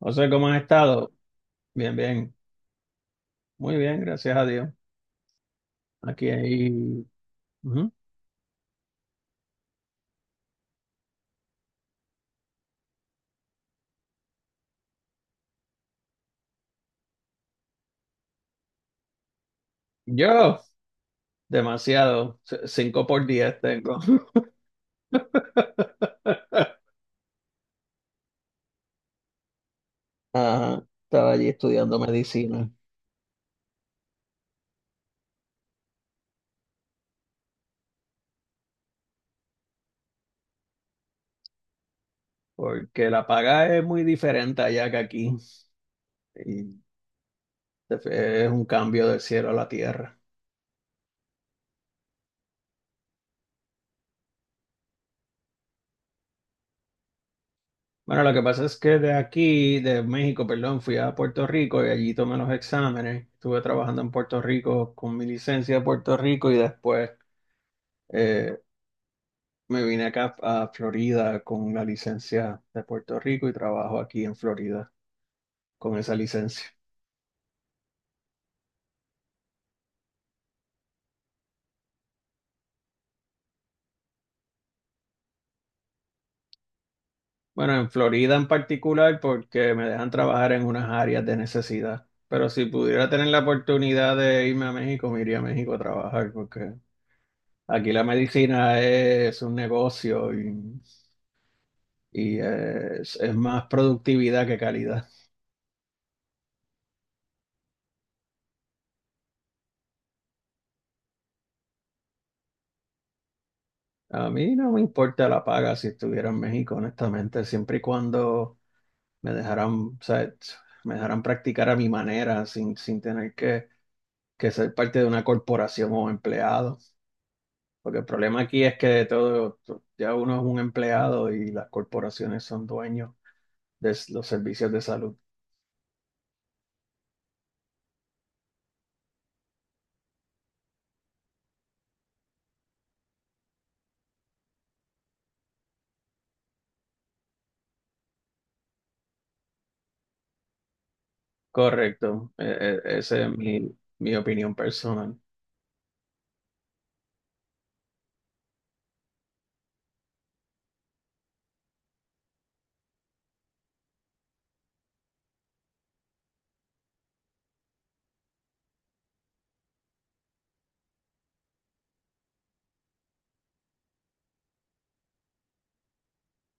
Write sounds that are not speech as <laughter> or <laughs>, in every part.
José, ¿cómo has estado? Bien, bien, muy bien, gracias a Dios. Aquí hay. Ujú. Yo, demasiado, cinco por diez tengo. <laughs> Ajá, estaba allí estudiando medicina, porque la paga es muy diferente allá que aquí. Y es un cambio del cielo a la tierra. Bueno, lo que pasa es que de aquí, de México, perdón, fui a Puerto Rico y allí tomé los exámenes. Estuve trabajando en Puerto Rico con mi licencia de Puerto Rico y después. eh, Me vine acá a Florida con una licencia de Puerto Rico y trabajo aquí en Florida con esa licencia. Bueno, en Florida en particular porque me dejan trabajar en unas áreas de necesidad. Pero si pudiera tener la oportunidad de irme a México, me iría a México a trabajar porque aquí la medicina es un negocio y es más productividad que calidad. A mí no me importa la paga si estuviera en México, honestamente, siempre y cuando me dejaran, o sea, me dejaran practicar a mi manera, sin tener que ser parte de una corporación o empleado. Porque el problema aquí es que de todo, ya uno es un empleado y las corporaciones son dueños de los servicios de salud. Correcto, esa es mi opinión personal.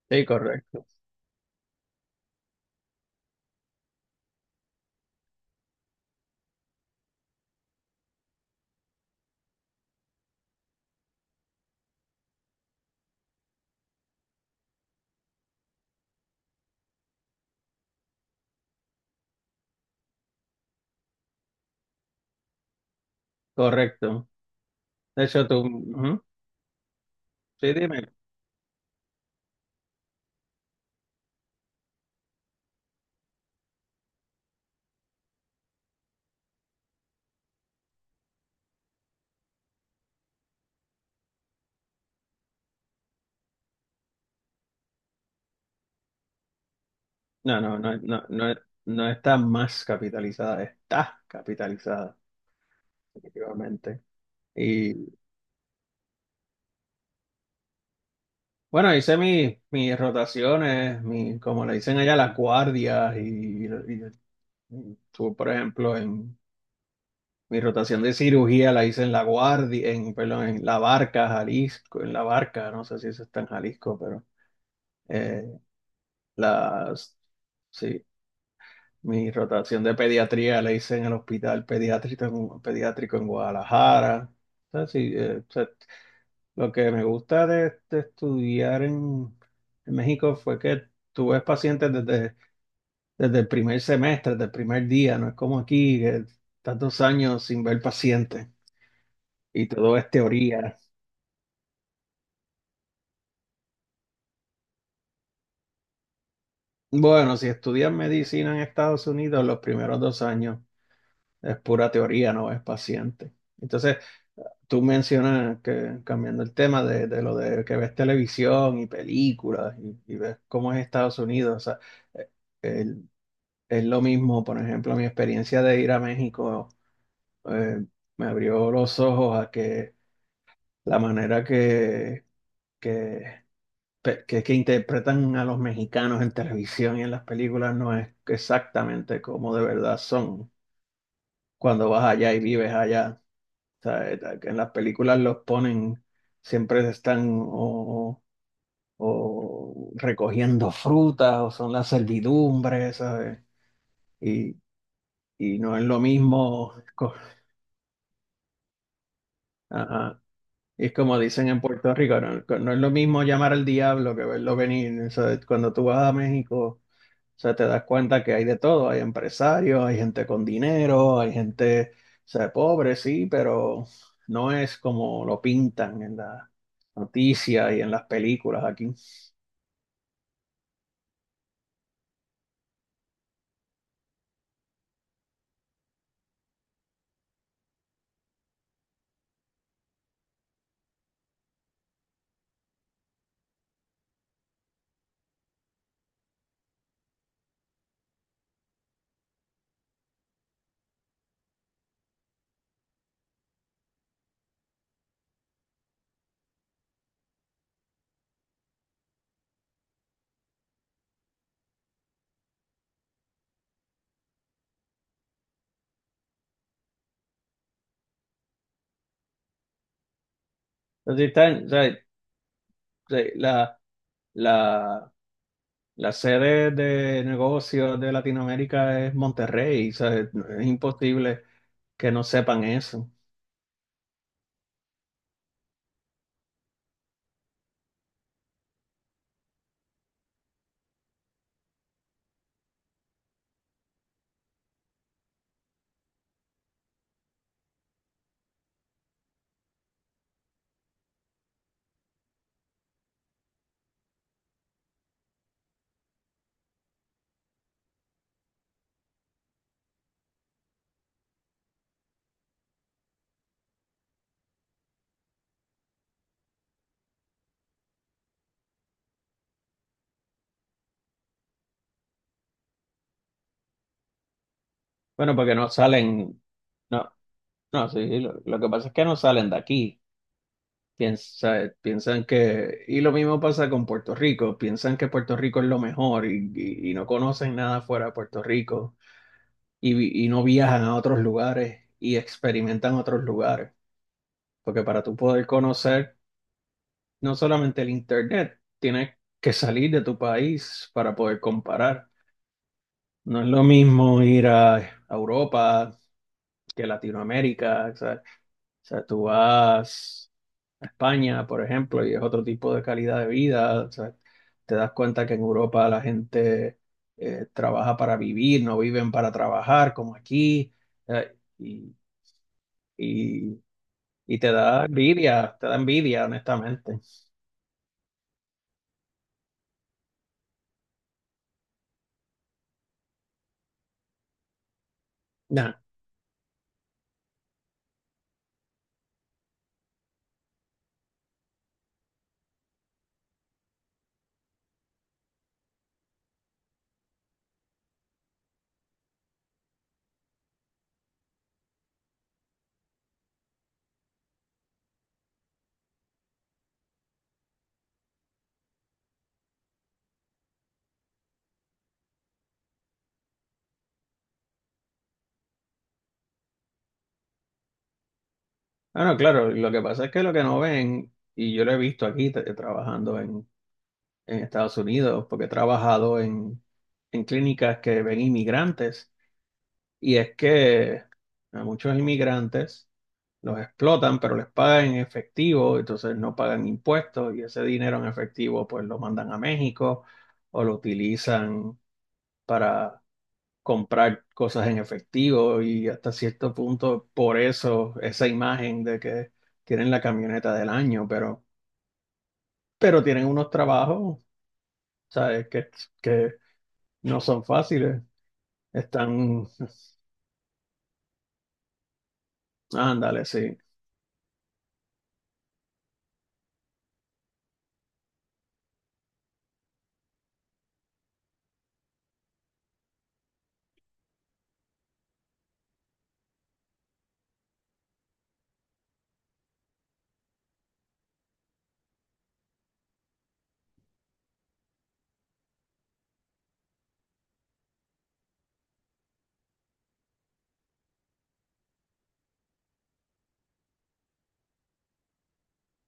Sí, correcto, correcto. De hecho, tú, ujú. Sí, dime. No, no, no, no, no, no está más capitalizada, está capitalizada, definitivamente. Y bueno, hice mis rotaciones, mi, como le dicen allá, las guardias. Y y tú, por ejemplo, en mi rotación de cirugía la hice en la guardia, en, perdón, en La Barca, Jalisco, en La Barca, no sé si eso está en Jalisco, pero eh, las, sí, mi rotación de pediatría la hice en el hospital pediátrico, pediátrico en Guadalajara. O sea, sí, lo que me gusta de estudiar en México fue que tú ves pacientes desde, desde el primer semestre, desde el primer día. No es como aquí, que estás 2 años sin ver pacientes y todo es teoría. Bueno, si estudias medicina en Estados Unidos, los primeros 2 años es pura teoría, no ves pacientes. Entonces, tú mencionas que, cambiando el tema de lo de que ves televisión y películas y ves cómo es Estados Unidos, o sea, eh, es lo mismo, por ejemplo, mi experiencia de ir a México. eh, Me abrió los ojos a que la manera que, que interpretan a los mexicanos en televisión y en las películas no es exactamente como de verdad son cuando vas allá y vives allá. O sea, que en las películas los ponen, siempre están o recogiendo frutas o son la servidumbre, ¿sabes? Y, y no es lo mismo. A- Y es como dicen en Puerto Rico, no, no es lo mismo llamar al diablo que verlo venir. O sea, cuando tú vas a México, o sea, te das cuenta que hay de todo. Hay empresarios, hay gente con dinero, hay gente, o sea, pobre, sí, pero no es como lo pintan en las noticias y en las películas aquí. Entonces, si están, o sea, de- la, la, la sede de negocios de Latinoamérica es Monterrey. O sea, es imposible que no sepan eso. Bueno, porque no salen, no, no, sí, lo que pasa es que no salen de aquí. Piensan que, y lo mismo pasa con Puerto Rico, piensan que Puerto Rico es lo mejor y no conocen nada fuera de Puerto Rico y no viajan a otros lugares y experimentan otros lugares. Porque para tú poder conocer no solamente el Internet, tienes que salir de tu país para poder comparar. No es lo mismo ir a Europa que Latinoamérica, ¿sabes? O sea, tú vas a España, por ejemplo, y es otro tipo de calidad de vida. O sea, te das cuenta que en Europa la gente trabaja para vivir, no viven para trabajar, como aquí. Eh, y, y- y te da envidia, honestamente. Nah. Ah, no, claro, lo que pasa es que lo que no ven, y yo lo he visto aquí trabajando en Estados Unidos, porque he trabajado en clínicas que ven inmigrantes. Y es que a muchos inmigrantes los explotan, pero les pagan en efectivo, entonces no pagan impuestos y ese dinero en efectivo pues lo mandan a México o lo utilizan para comprar cosas en efectivo y hasta cierto punto por eso esa imagen de que tienen la camioneta del año, pero tienen unos trabajos, ¿sabes? Que no son fáciles, están, ándale, sí.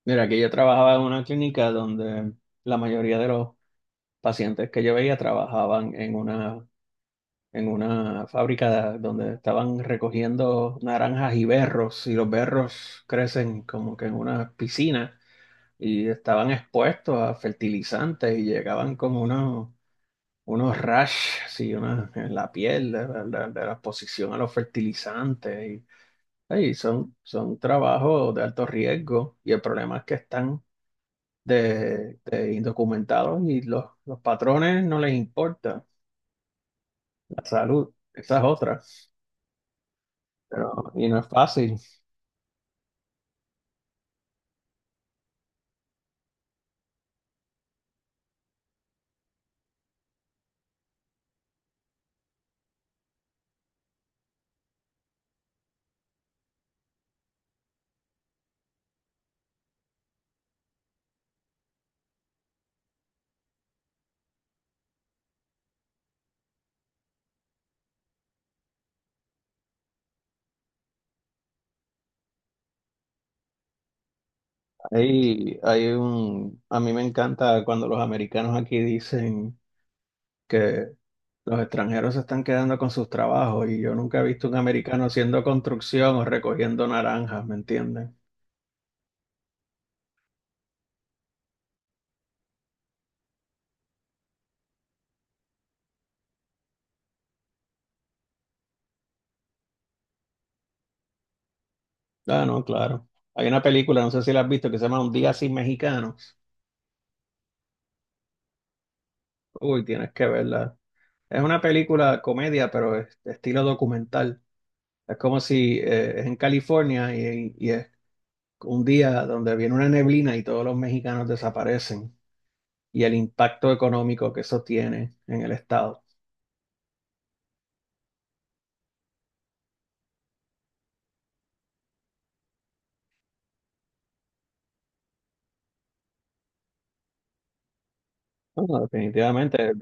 Mira, que yo trabajaba en una clínica donde la mayoría de los pacientes que yo veía trabajaban en una fábrica donde estaban recogiendo naranjas y berros, y los berros crecen como que en una piscina y estaban expuestos a fertilizantes y llegaban como unos, unos rash, sí una, en la piel de la exposición a los fertilizantes. Y, ay, son, son trabajos de alto riesgo y el problema es que están de indocumentados y los patrones no les importa la salud. Esa es otra, pero y no es fácil. Hay un, a mí me encanta cuando los americanos aquí dicen que los extranjeros se están quedando con sus trabajos y yo nunca he visto un americano haciendo construcción o recogiendo naranjas, ¿me entienden? Ah, no, claro. Hay una película, no sé si la has visto, que se llama Un día sin mexicanos. Uy, tienes que verla. Es una película comedia, pero es de estilo documental. Es como si es en California y es un día donde viene una neblina y todos los mexicanos desaparecen y el impacto económico que eso tiene en el estado. Bueno, definitivamente,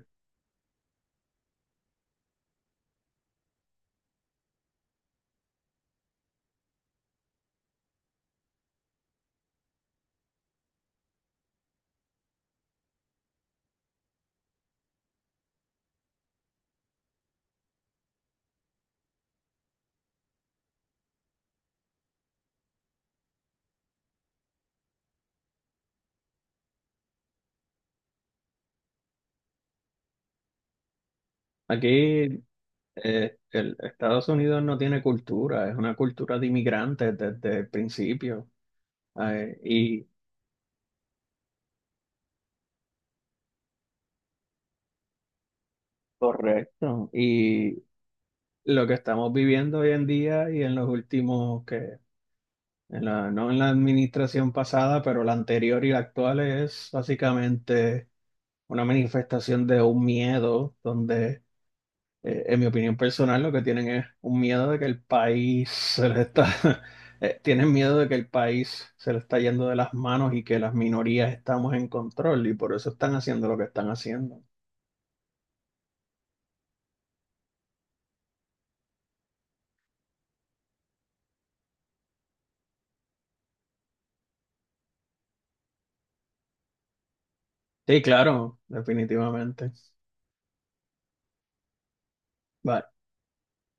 aquí el Estados Unidos no tiene cultura, es una cultura de inmigrantes desde el principio. eh, y Correcto. Y lo que estamos viviendo hoy en día y en los últimos que, no en la administración pasada, pero la anterior y la actual es básicamente una manifestación de un miedo donde, en mi opinión personal, lo que tienen es un miedo de que el país se les está, <laughs> tienen miedo de que el país se le está yendo de las manos y que las minorías estamos en control y por eso están haciendo lo que están haciendo. Sí, claro, definitivamente. Vale.